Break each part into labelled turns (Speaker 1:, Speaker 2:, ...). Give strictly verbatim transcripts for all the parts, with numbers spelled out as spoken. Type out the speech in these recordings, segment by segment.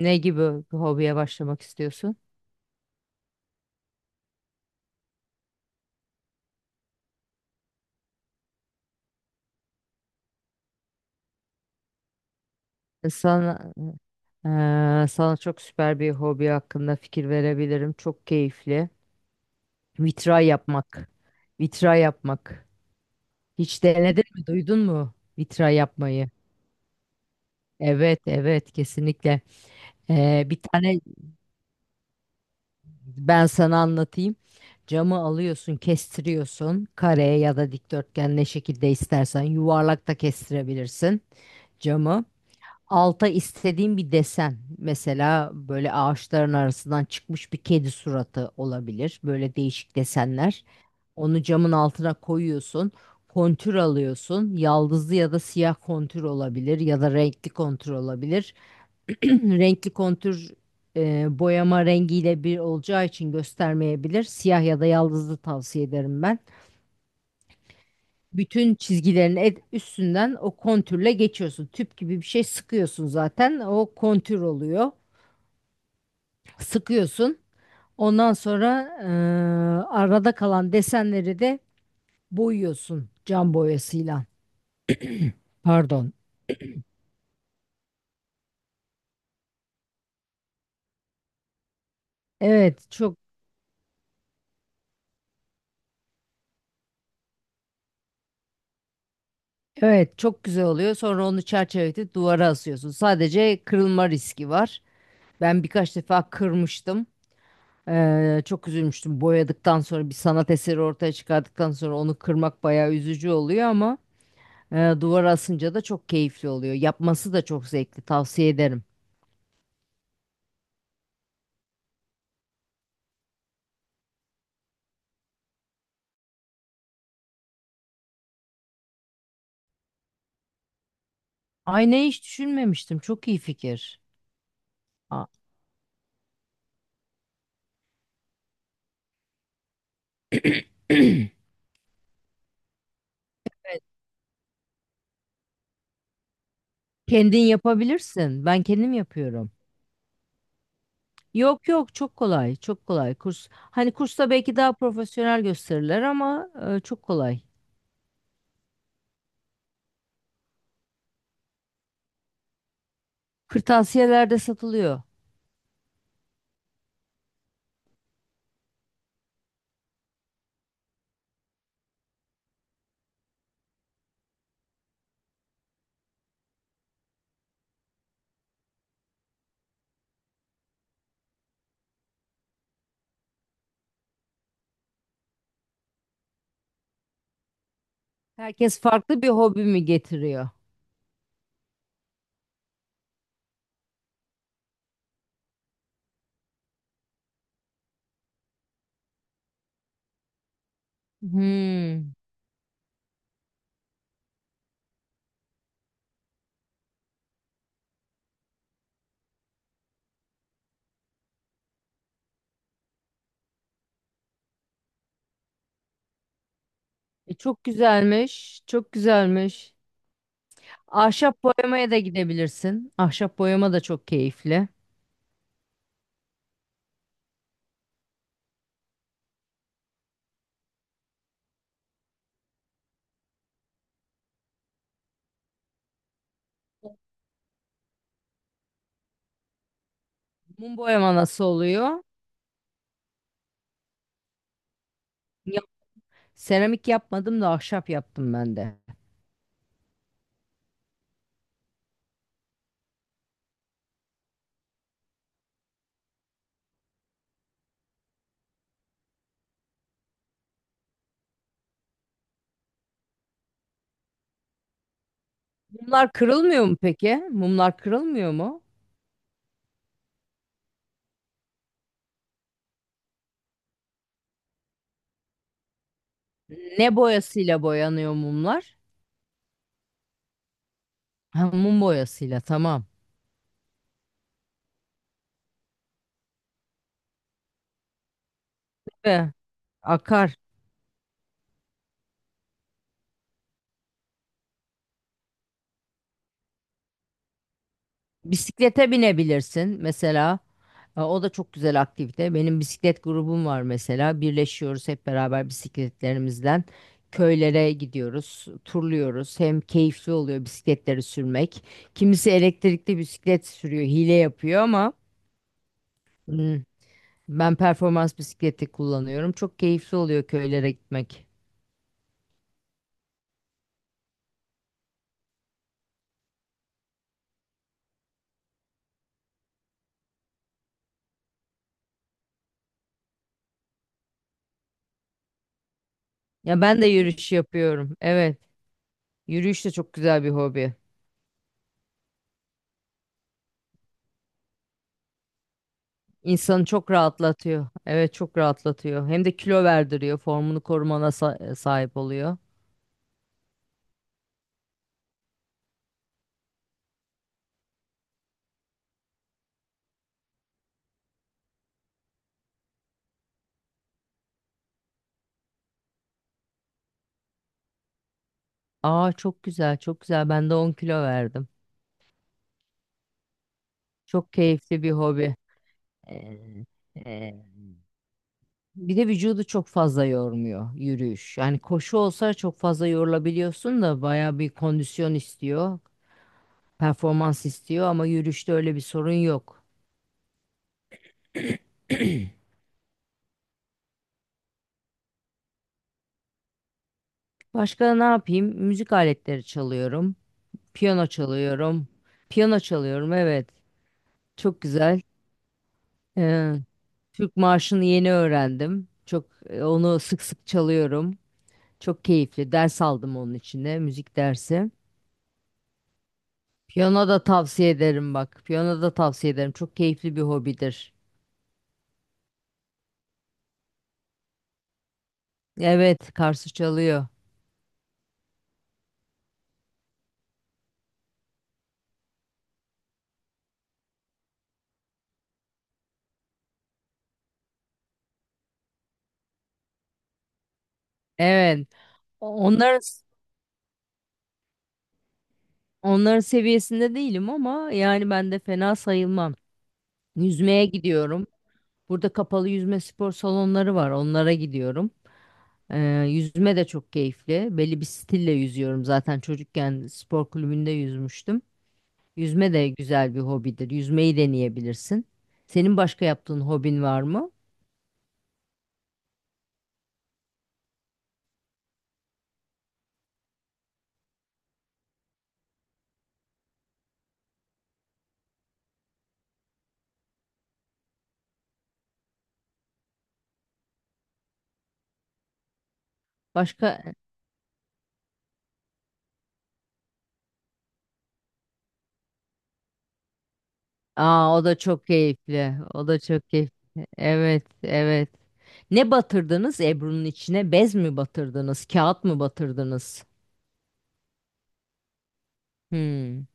Speaker 1: Ne gibi bir hobiye başlamak istiyorsun? E, Sana, eee, Sana çok süper bir hobi hakkında fikir verebilirim. Çok keyifli. Vitray yapmak. Vitray yapmak. Hiç denedin mi? Duydun mu? Vitray yapmayı. Evet, evet, kesinlikle. Eee, bir tane ben sana anlatayım. Camı alıyorsun, kestiriyorsun. Kare ya da dikdörtgen ne şekilde istersen. Yuvarlak da kestirebilirsin camı. Alta istediğim bir desen. Mesela böyle ağaçların arasından çıkmış bir kedi suratı olabilir. Böyle değişik desenler. Onu camın altına koyuyorsun. Kontür alıyorsun. Yaldızlı ya da siyah kontür olabilir ya da renkli kontür olabilir. Renkli kontür e, boyama rengiyle bir olacağı için göstermeyebilir. Siyah ya da yaldızlı tavsiye ederim ben. Bütün çizgilerin et- üstünden o kontürle geçiyorsun. Tüp gibi bir şey sıkıyorsun zaten. O kontür oluyor. Sıkıyorsun. Ondan sonra eee, arada kalan desenleri de boyuyorsun cam boyasıyla. Pardon. Evet çok evet çok güzel oluyor. Sonra onu çerçeveletip duvara asıyorsun. Sadece kırılma riski var. Ben birkaç defa kırmıştım. Eee, çok üzülmüştüm. Boyadıktan sonra bir sanat eseri ortaya çıkardıktan sonra onu kırmak bayağı üzücü oluyor ama Ee, duvar asınca da çok keyifli oluyor. Yapması da çok zevkli. Tavsiye ederim. Ay ne hiç düşünmemiştim. Çok iyi fikir. Aa, kendin yapabilirsin. Ben kendim yapıyorum. Yok yok çok kolay. Çok kolay. Kurs hani kursta belki daha profesyonel gösterirler ama e, çok kolay. Kırtasiyelerde satılıyor. Herkes farklı bir hobi mi getiriyor? Hmm. E, çok güzelmiş. Çok güzelmiş. Ahşap boyamaya da gidebilirsin. Ahşap boyama da çok keyifli. Mum boyama nasıl oluyor? Ya- Seramik yapmadım da ahşap yaptım ben de. Mumlar kırılmıyor mu peki? Mumlar kırılmıyor mu? Ne boyasıyla boyanıyor mumlar? Ha, mum boyasıyla tamam. Ve akar. Bisiklete binebilirsin mesela. E, O da çok güzel aktivite. Benim bisiklet grubum var mesela. Birleşiyoruz hep beraber bisikletlerimizden. Köylere gidiyoruz, turluyoruz. Hem keyifli oluyor bisikletleri sürmek. Kimisi elektrikli bisiklet sürüyor, hile yapıyor ama hmm, ben performans bisikleti kullanıyorum. Çok keyifli oluyor köylere gitmek. Ya ben de yürüyüş yapıyorum. Evet, yürüyüş de çok güzel bir hobi. İnsanı çok rahatlatıyor. Evet çok rahatlatıyor. Hem de kilo verdiriyor. Formunu korumana sa- e, sahip oluyor. Aa çok güzel çok güzel. Ben de on kilo verdim. Çok keyifli bir hobi. Ee, e, Bir de vücudu çok fazla yormuyor yürüyüş. Yani koşu olsa çok fazla yorulabiliyorsun da baya bir kondisyon istiyor. Performans istiyor ama yürüyüşte öyle bir sorun yok. Başka ne yapayım? Müzik aletleri çalıyorum. Piyano çalıyorum. Piyano çalıyorum evet. Çok güzel. Ee, Türk marşını yeni öğrendim. Çok e, onu sık sık çalıyorum. Çok keyifli. Ders aldım onun içinde müzik dersi. Piyano da tavsiye ederim bak. Piyano da tavsiye ederim. Çok keyifli bir hobidir. Evet, Karsu çalıyor. Evet. Onların onların seviyesinde değilim ama yani ben de fena sayılmam. Yüzmeye gidiyorum. Burada kapalı yüzme spor salonları var. Onlara gidiyorum. Ee, yüzme de çok keyifli. Belli bir stille yüzüyorum zaten. Çocukken spor kulübünde yüzmüştüm. Yüzme de güzel bir hobidir. Yüzmeyi deneyebilirsin. Senin başka yaptığın hobin var mı? Başka? Aa, o da çok keyifli. O da çok keyifli. Evet, evet. Ne batırdınız Ebru'nun içine? Bez mi batırdınız? Kağıt mı batırdınız? Hmm.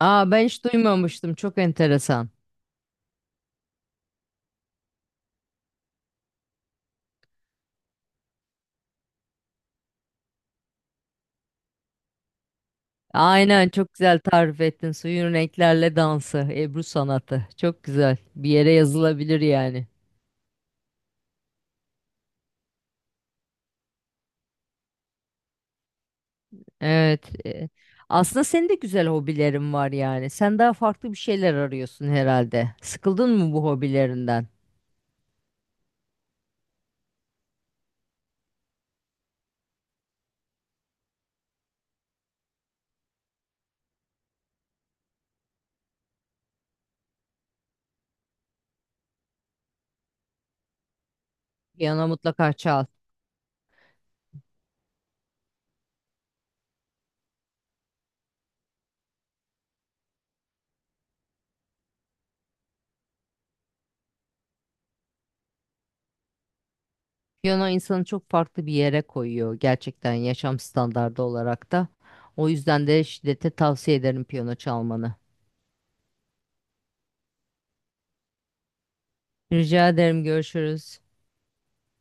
Speaker 1: Aa, ben hiç duymamıştım. Çok enteresan. Aynen çok güzel tarif ettin. Suyun renklerle dansı, Ebru sanatı. Çok güzel. Bir yere yazılabilir yani. Evet. e, Aslında senin de güzel hobilerin var yani. Sen daha farklı bir şeyler arıyorsun herhalde. Sıkıldın mı bu hobilerinden? Piyano mutlaka çal. Piyano insanı çok farklı bir yere koyuyor gerçekten yaşam standardı olarak da. O yüzden de şiddete tavsiye ederim piyano çalmanı. Rica ederim. Görüşürüz.